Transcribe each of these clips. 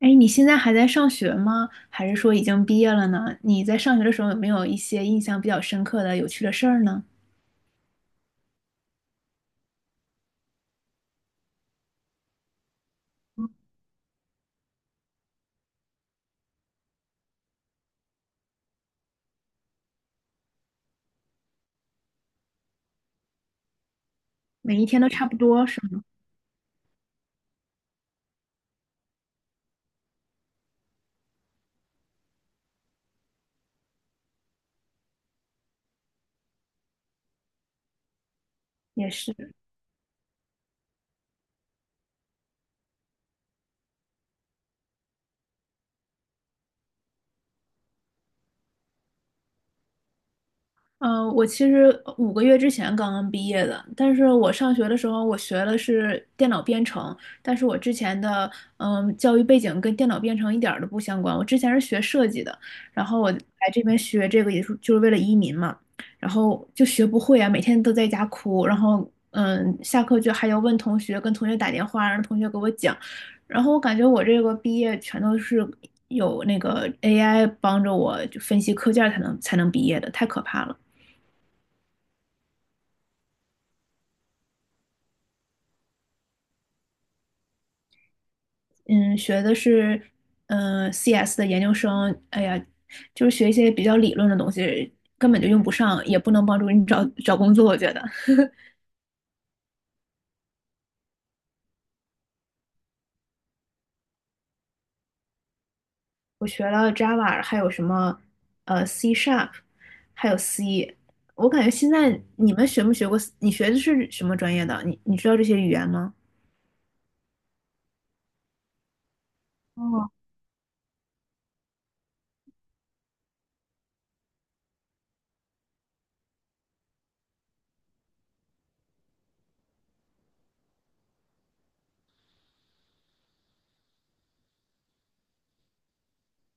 哎，你现在还在上学吗？还是说已经毕业了呢？你在上学的时候有没有一些印象比较深刻的、有趣的事儿呢？每一天都差不多，是吗？也是。嗯，我其实五个月之前刚刚毕业的，但是我上学的时候我学的是电脑编程，但是我之前的教育背景跟电脑编程一点儿都不相关，我之前是学设计的，然后我来这边学这个也是就是为了移民嘛，然后就学不会啊，每天都在家哭，然后下课就还要问同学，跟同学打电话让同学给我讲，然后我感觉我这个毕业全都是有那个 AI 帮着我就分析课件儿才能毕业的，太可怕了。嗯，学的是CS 的研究生，哎呀，就是学一些比较理论的东西，根本就用不上，也不能帮助你找找工作。我觉得我学了 Java,还有什么C Sharp,还有 C。我感觉现在你们学没学过？你学的是什么专业的？你知道这些语言吗？哦，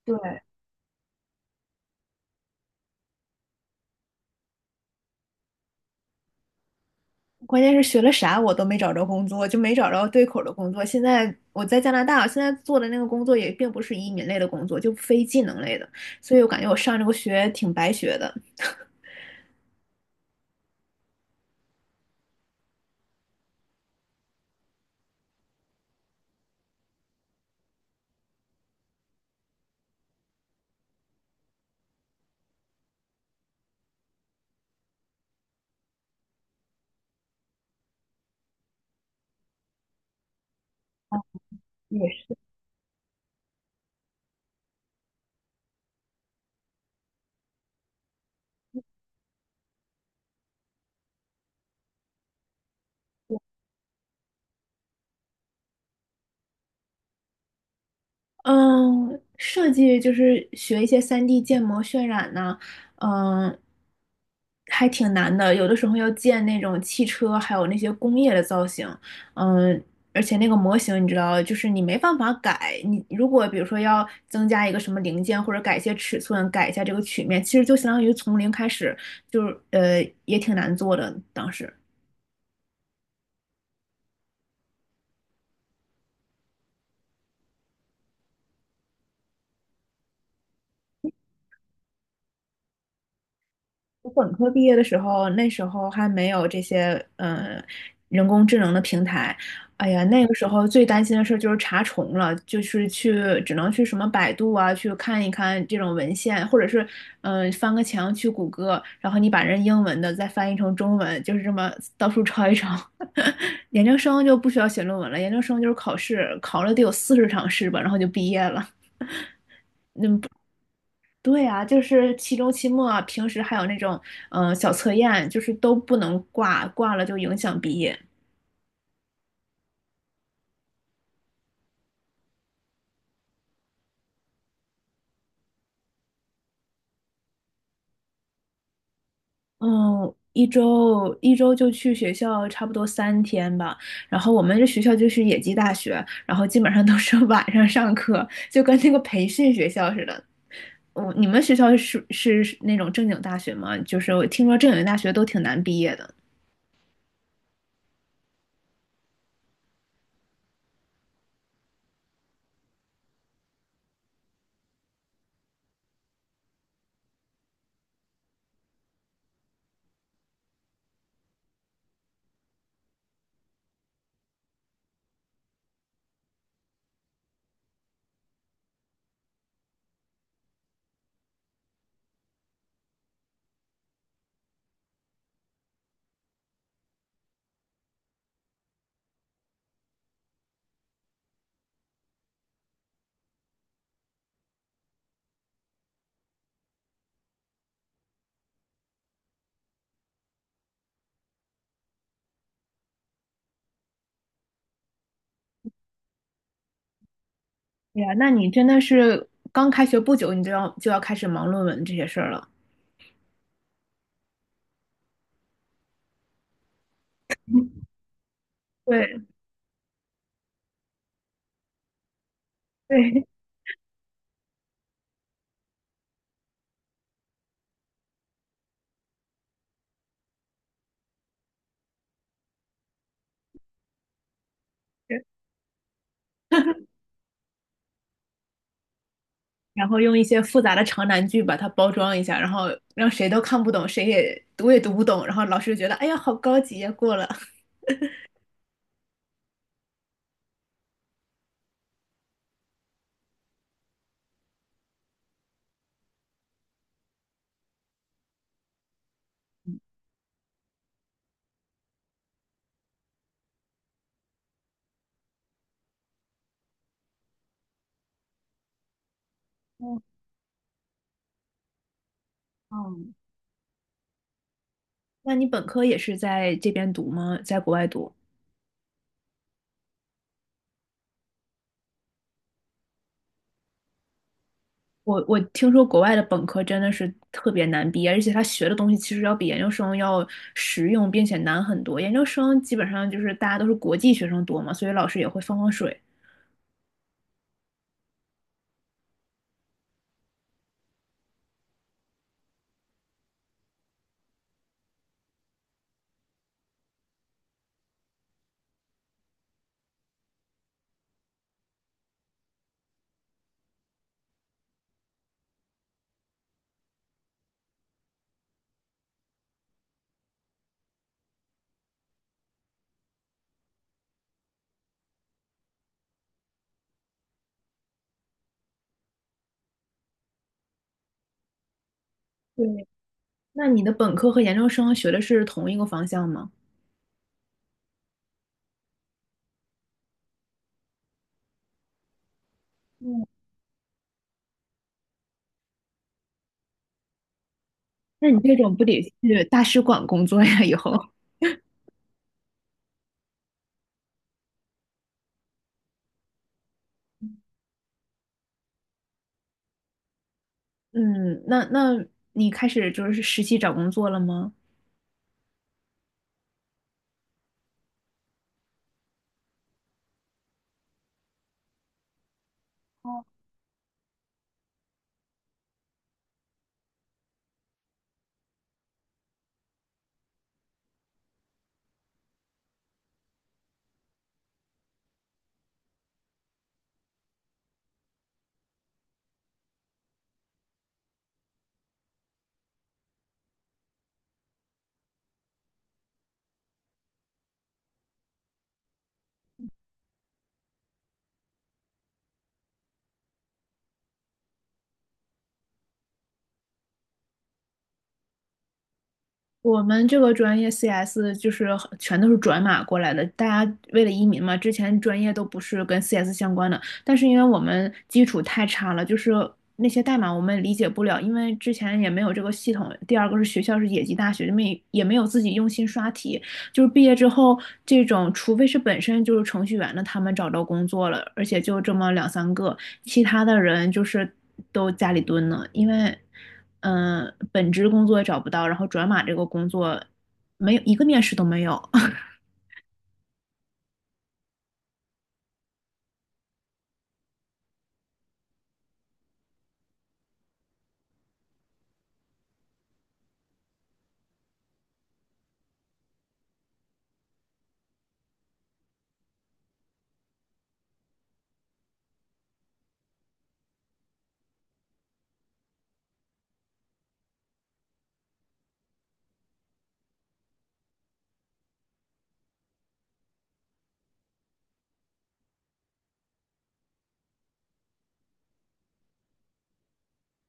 对，关键是学了啥我都没找着工作，就没找着对口的工作。现在我在加拿大，现在做的那个工作也并不是移民类的工作，就非技能类的，所以我感觉我上这个学挺白学的。嗯，设计就是学一些三 d 建模渲染呐、嗯，还挺难的。有的时候要建那种汽车，还有那些工业的造型，嗯，而且那个模型你知道，就是你没办法改。你如果比如说要增加一个什么零件，或者改一些尺寸，改一下这个曲面，其实就相当于从零开始，就是呃也挺难做的。当时，我本科毕业的时候，那时候还没有这些人工智能的平台。哎呀，那个时候最担心的事儿就是查重了，就是去只能去什么百度啊，去看一看这种文献，或者是翻个墙去谷歌，然后你把人英文的再翻译成中文，就是这么到处抄一抄。研究生就不需要写论文了，研究生就是考试，考了得有四十场试吧，然后就毕业了。对啊，就是期中、期末啊，平时还有那种小测验，就是都不能挂，挂了就影响毕业。嗯，一周就去学校差不多三天吧。然后我们这学校就是野鸡大学，然后基本上都是 晚上上课，就跟那个培训学校似的。我你们学校是那种正经大学吗？就是我听说正经大学都挺难毕业的。对呀，那你真的是刚开学不久，你就要开始忙论文这些事儿了。对对，然后用一些复杂的长难句把它包装一下，然后让谁都看不懂，谁也读也读不懂，然后老师就觉得哎呀好高级呀，过了。嗯嗯，那你本科也是在这边读吗？在国外读？我听说国外的本科真的是特别难毕业，而且他学的东西其实要比研究生要实用，并且难很多。研究生基本上就是大家都是国际学生多嘛，所以老师也会放放水。对，那你的本科和研究生学的是同一个方向吗？那你这种不得去大使馆工作呀？以后，嗯，那你开始就是实习找工作了吗？我们这个专业 CS 就是很全都是转码过来的，大家为了移民嘛，之前专业都不是跟 CS 相关的，但是因为我们基础太差了，就是那些代码我们理解不了，因为之前也没有这个系统。第二个是学校是野鸡大学，没也没有自己用心刷题，就是毕业之后这种，除非是本身就是程序员的，他们找到工作了，而且就这么两三个，其他的人就是都家里蹲呢，因为。本职工作也找不到，然后转码这个工作没有一个面试都没有。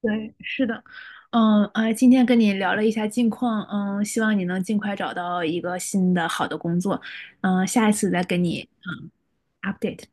对，是的，嗯啊，今天跟你聊了一下近况，嗯，希望你能尽快找到一个新的好的工作，嗯，下一次再跟你update。